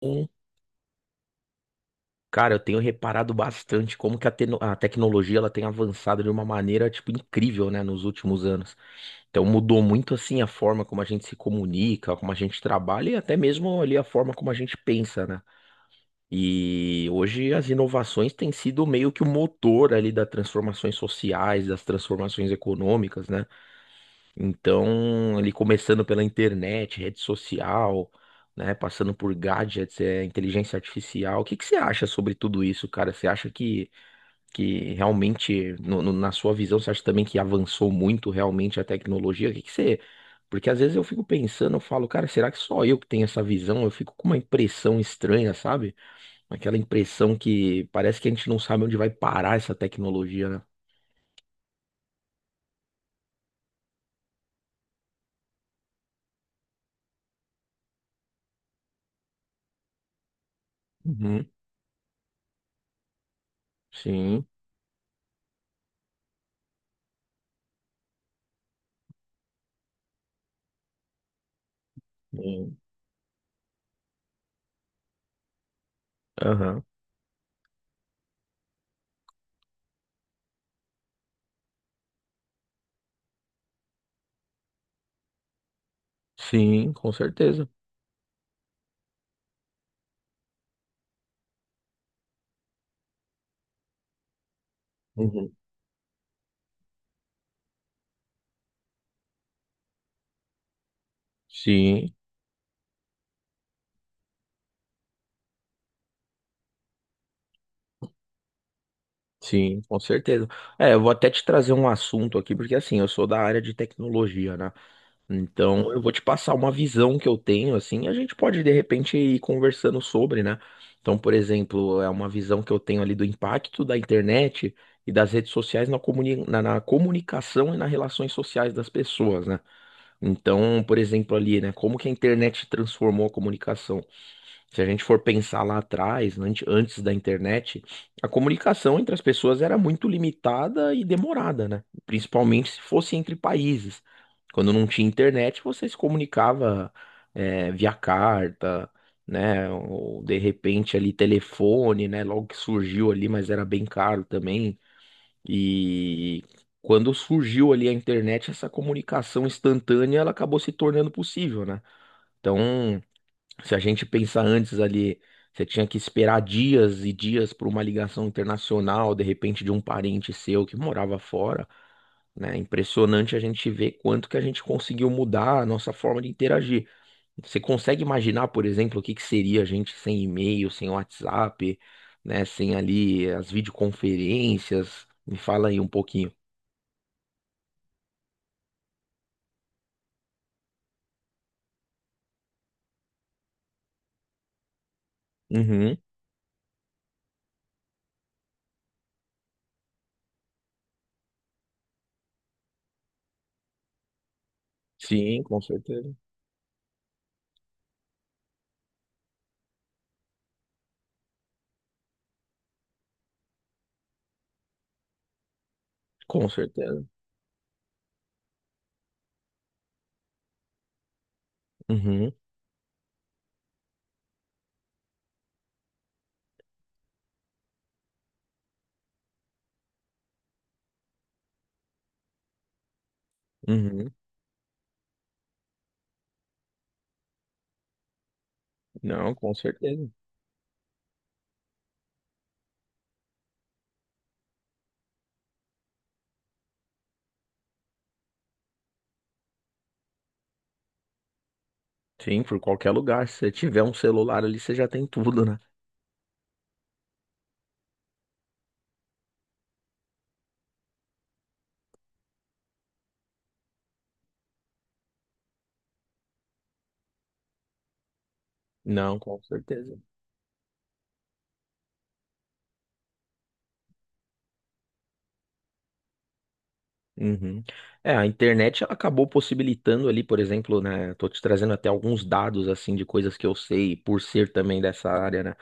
Sim. Cara, eu tenho reparado bastante como que a tecnologia ela tem avançado de uma maneira tipo incrível, né, nos últimos anos. Então mudou muito assim a forma como a gente se comunica, como a gente trabalha e até mesmo ali a forma como a gente pensa, né? E hoje as inovações têm sido meio que o motor ali das transformações sociais, das transformações econômicas, né? Então, ali começando pela internet, rede social, né, passando por gadgets, inteligência artificial. O que que você acha sobre tudo isso, cara? Você acha que realmente, na sua visão, você acha também que avançou muito realmente a tecnologia? O que que você... Porque às vezes eu fico pensando, eu falo, cara, será que só eu que tenho essa visão? Eu fico com uma impressão estranha, sabe? Aquela impressão que parece que a gente não sabe onde vai parar essa tecnologia, né? Uhum. Sim. Sim. Aham. Sim, com certeza. Uhum. Sim, sim, com certeza. É, eu vou até te trazer um assunto aqui, porque assim, eu sou da área de tecnologia, né? Então, eu vou te passar uma visão que eu tenho, assim, e a gente pode, de repente, ir conversando sobre, né? Então, por exemplo, é uma visão que eu tenho ali do impacto da internet e das redes sociais na comunicação e nas relações sociais das pessoas, né? Então, por exemplo, ali, né? Como que a internet transformou a comunicação? Se a gente for pensar lá atrás, antes da internet, a comunicação entre as pessoas era muito limitada e demorada, né? Principalmente se fosse entre países. Quando não tinha internet, você se comunicava, via carta, né? Ou de repente ali telefone, né? Logo que surgiu ali, mas era bem caro também. E quando surgiu ali a internet, essa comunicação instantânea, ela acabou se tornando possível, né? Então. Se a gente pensar antes ali, você tinha que esperar dias e dias por uma ligação internacional, de repente de um parente seu que morava fora, né? Impressionante a gente ver quanto que a gente conseguiu mudar a nossa forma de interagir. Você consegue imaginar, por exemplo, o que que seria a gente sem e-mail, sem WhatsApp, né? Sem ali as videoconferências? Me fala aí um pouquinho. Uhum. Sim, com certeza. Com certeza. Uhum, uhum. Não, com certeza. Sim, por qualquer lugar. Se você tiver um celular ali, você já tem tudo, né? Não, com certeza. Uhum. É, a internet ela acabou possibilitando ali, por exemplo, né? Tô te trazendo até alguns dados assim de coisas que eu sei por ser também dessa área, né?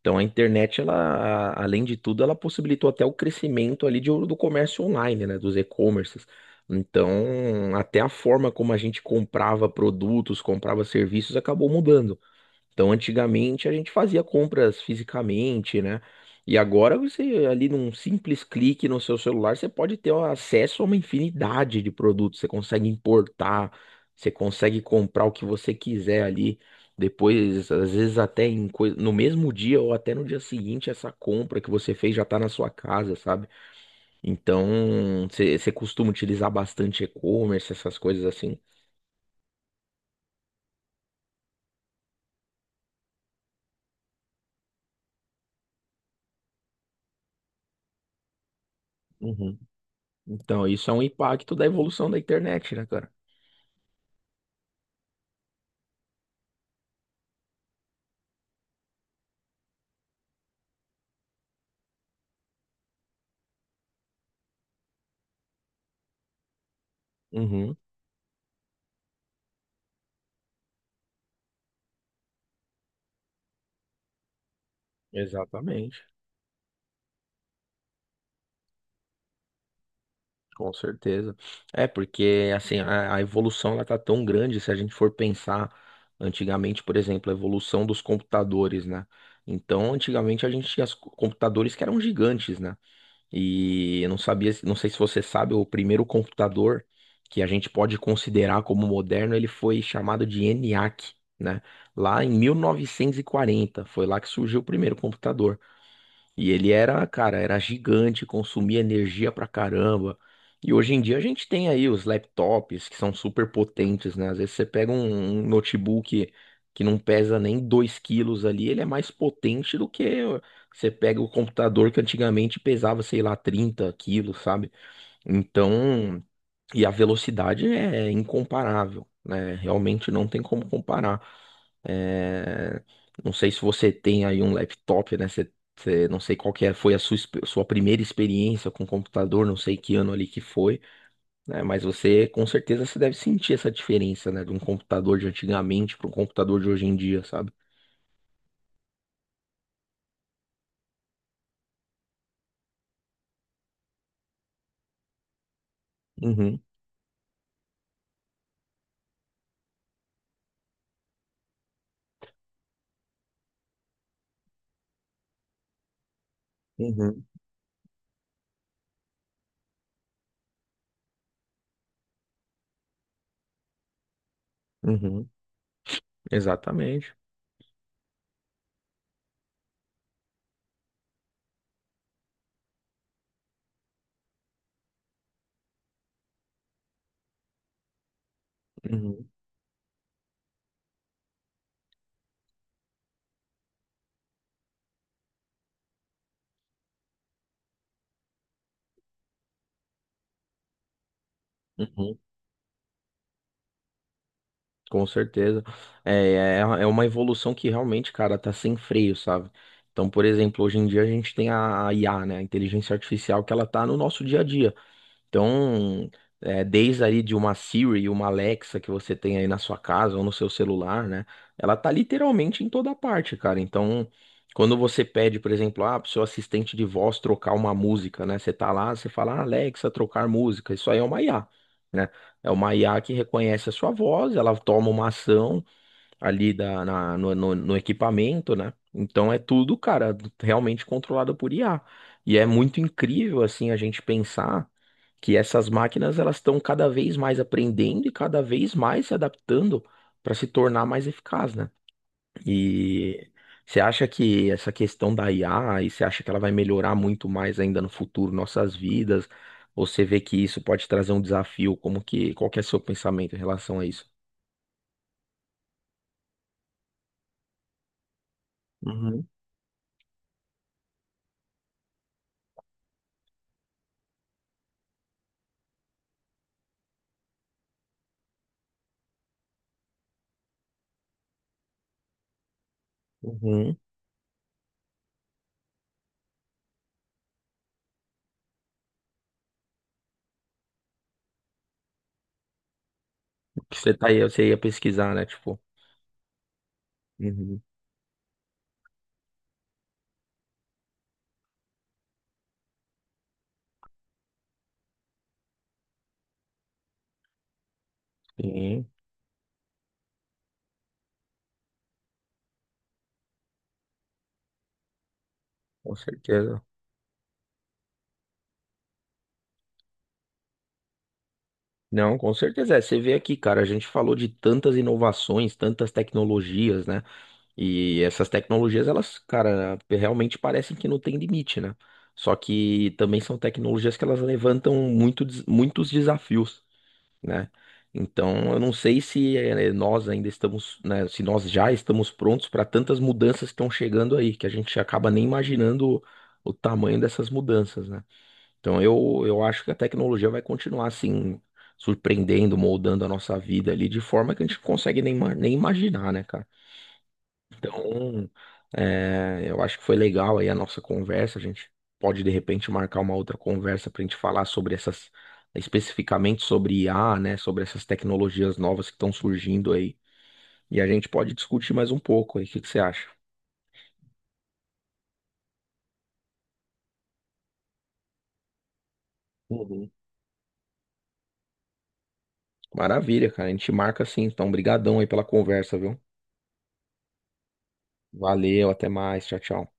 Então a internet, ela, além de tudo, ela possibilitou até o crescimento ali do comércio online, né? Dos e-commerces. Então, até a forma como a gente comprava produtos, comprava serviços, acabou mudando. Então, antigamente a gente fazia compras fisicamente, né? E agora você, ali num simples clique no seu celular, você pode ter acesso a uma infinidade de produtos. Você consegue importar, você consegue comprar o que você quiser ali. Depois, às vezes até em no mesmo dia ou até no dia seguinte, essa compra que você fez já está na sua casa, sabe? Então, você costuma utilizar bastante e-commerce, essas coisas assim. Uhum. Então, isso é um impacto da evolução da internet, né, cara? Uhum. Exatamente, com certeza. É porque assim a evolução ela tá tão grande se a gente for pensar antigamente, por exemplo, a evolução dos computadores, né? Então, antigamente a gente tinha os computadores que eram gigantes, né? E eu não sabia, não sei se você sabe, o primeiro computador que a gente pode considerar como moderno, ele foi chamado de ENIAC, né? Lá em 1940, foi lá que surgiu o primeiro computador. E ele era, cara, era gigante, consumia energia pra caramba. E hoje em dia a gente tem aí os laptops que são super potentes, né? Às vezes você pega um notebook que não pesa nem 2 quilos ali, ele é mais potente do que você pega o computador que antigamente pesava, sei lá, 30 quilos, sabe? Então, e a velocidade é incomparável, né? Realmente não tem como comparar. É, não sei se você tem aí um laptop, né? Não sei qual que foi a sua, sua primeira experiência com computador, não sei que ano ali que foi, né? Mas você, com certeza, você deve sentir essa diferença, né? De um computador de antigamente para um computador de hoje em dia, sabe? Uhum, uhum, uhum, exatamente. Uhum, uhum. Com certeza. É uma evolução que realmente, cara, tá sem freio, sabe? Então, por exemplo, hoje em dia a gente tem a IA, né, a inteligência artificial, que ela tá no nosso dia a dia. Então, desde aí de uma Siri, uma Alexa que você tem aí na sua casa ou no seu celular, né? Ela tá literalmente em toda parte, cara. Então, quando você pede, por exemplo, ah, pro seu assistente de voz trocar uma música, né? Você tá lá, você fala, ah, Alexa, trocar música. Isso aí é uma IA, né? É uma IA que reconhece a sua voz, ela toma uma ação ali da, na- no, no- no equipamento, né? Então é tudo, cara, realmente controlado por IA. E é muito incrível, assim, a gente pensar que essas máquinas elas estão cada vez mais aprendendo e cada vez mais se adaptando para se tornar mais eficaz, né? E você acha que essa questão da IA, e você acha que ela vai melhorar muito mais ainda no futuro nossas vidas? Ou você vê que isso pode trazer um desafio, qual que é seu pensamento em relação a isso? Uhum. Uhum. Você tá aí, você ia pesquisar, né? Tipo, Uhum. Sim, com certeza. Não, com certeza. É, você vê aqui, cara, a gente falou de tantas inovações, tantas tecnologias, né? E essas tecnologias, elas, cara, realmente parecem que não tem limite, né? Só que também são tecnologias que elas levantam muito, muitos desafios, né? Então, eu não sei se nós ainda estamos, né, se nós já estamos prontos para tantas mudanças que estão chegando aí, que a gente acaba nem imaginando o tamanho dessas mudanças, né? Então, eu acho que a tecnologia vai continuar assim, surpreendendo, moldando a nossa vida ali de forma que a gente não consegue nem imaginar, né, cara? Então, eu acho que foi legal aí a nossa conversa. A gente pode de repente marcar uma outra conversa para a gente falar sobre essas, especificamente sobre IA, né? Sobre essas tecnologias novas que estão surgindo aí. E a gente pode discutir mais um pouco aí. O que que você acha? Uhum. Maravilha, cara. A gente marca assim. Então, brigadão aí pela conversa, viu? Valeu, até mais. Tchau, tchau.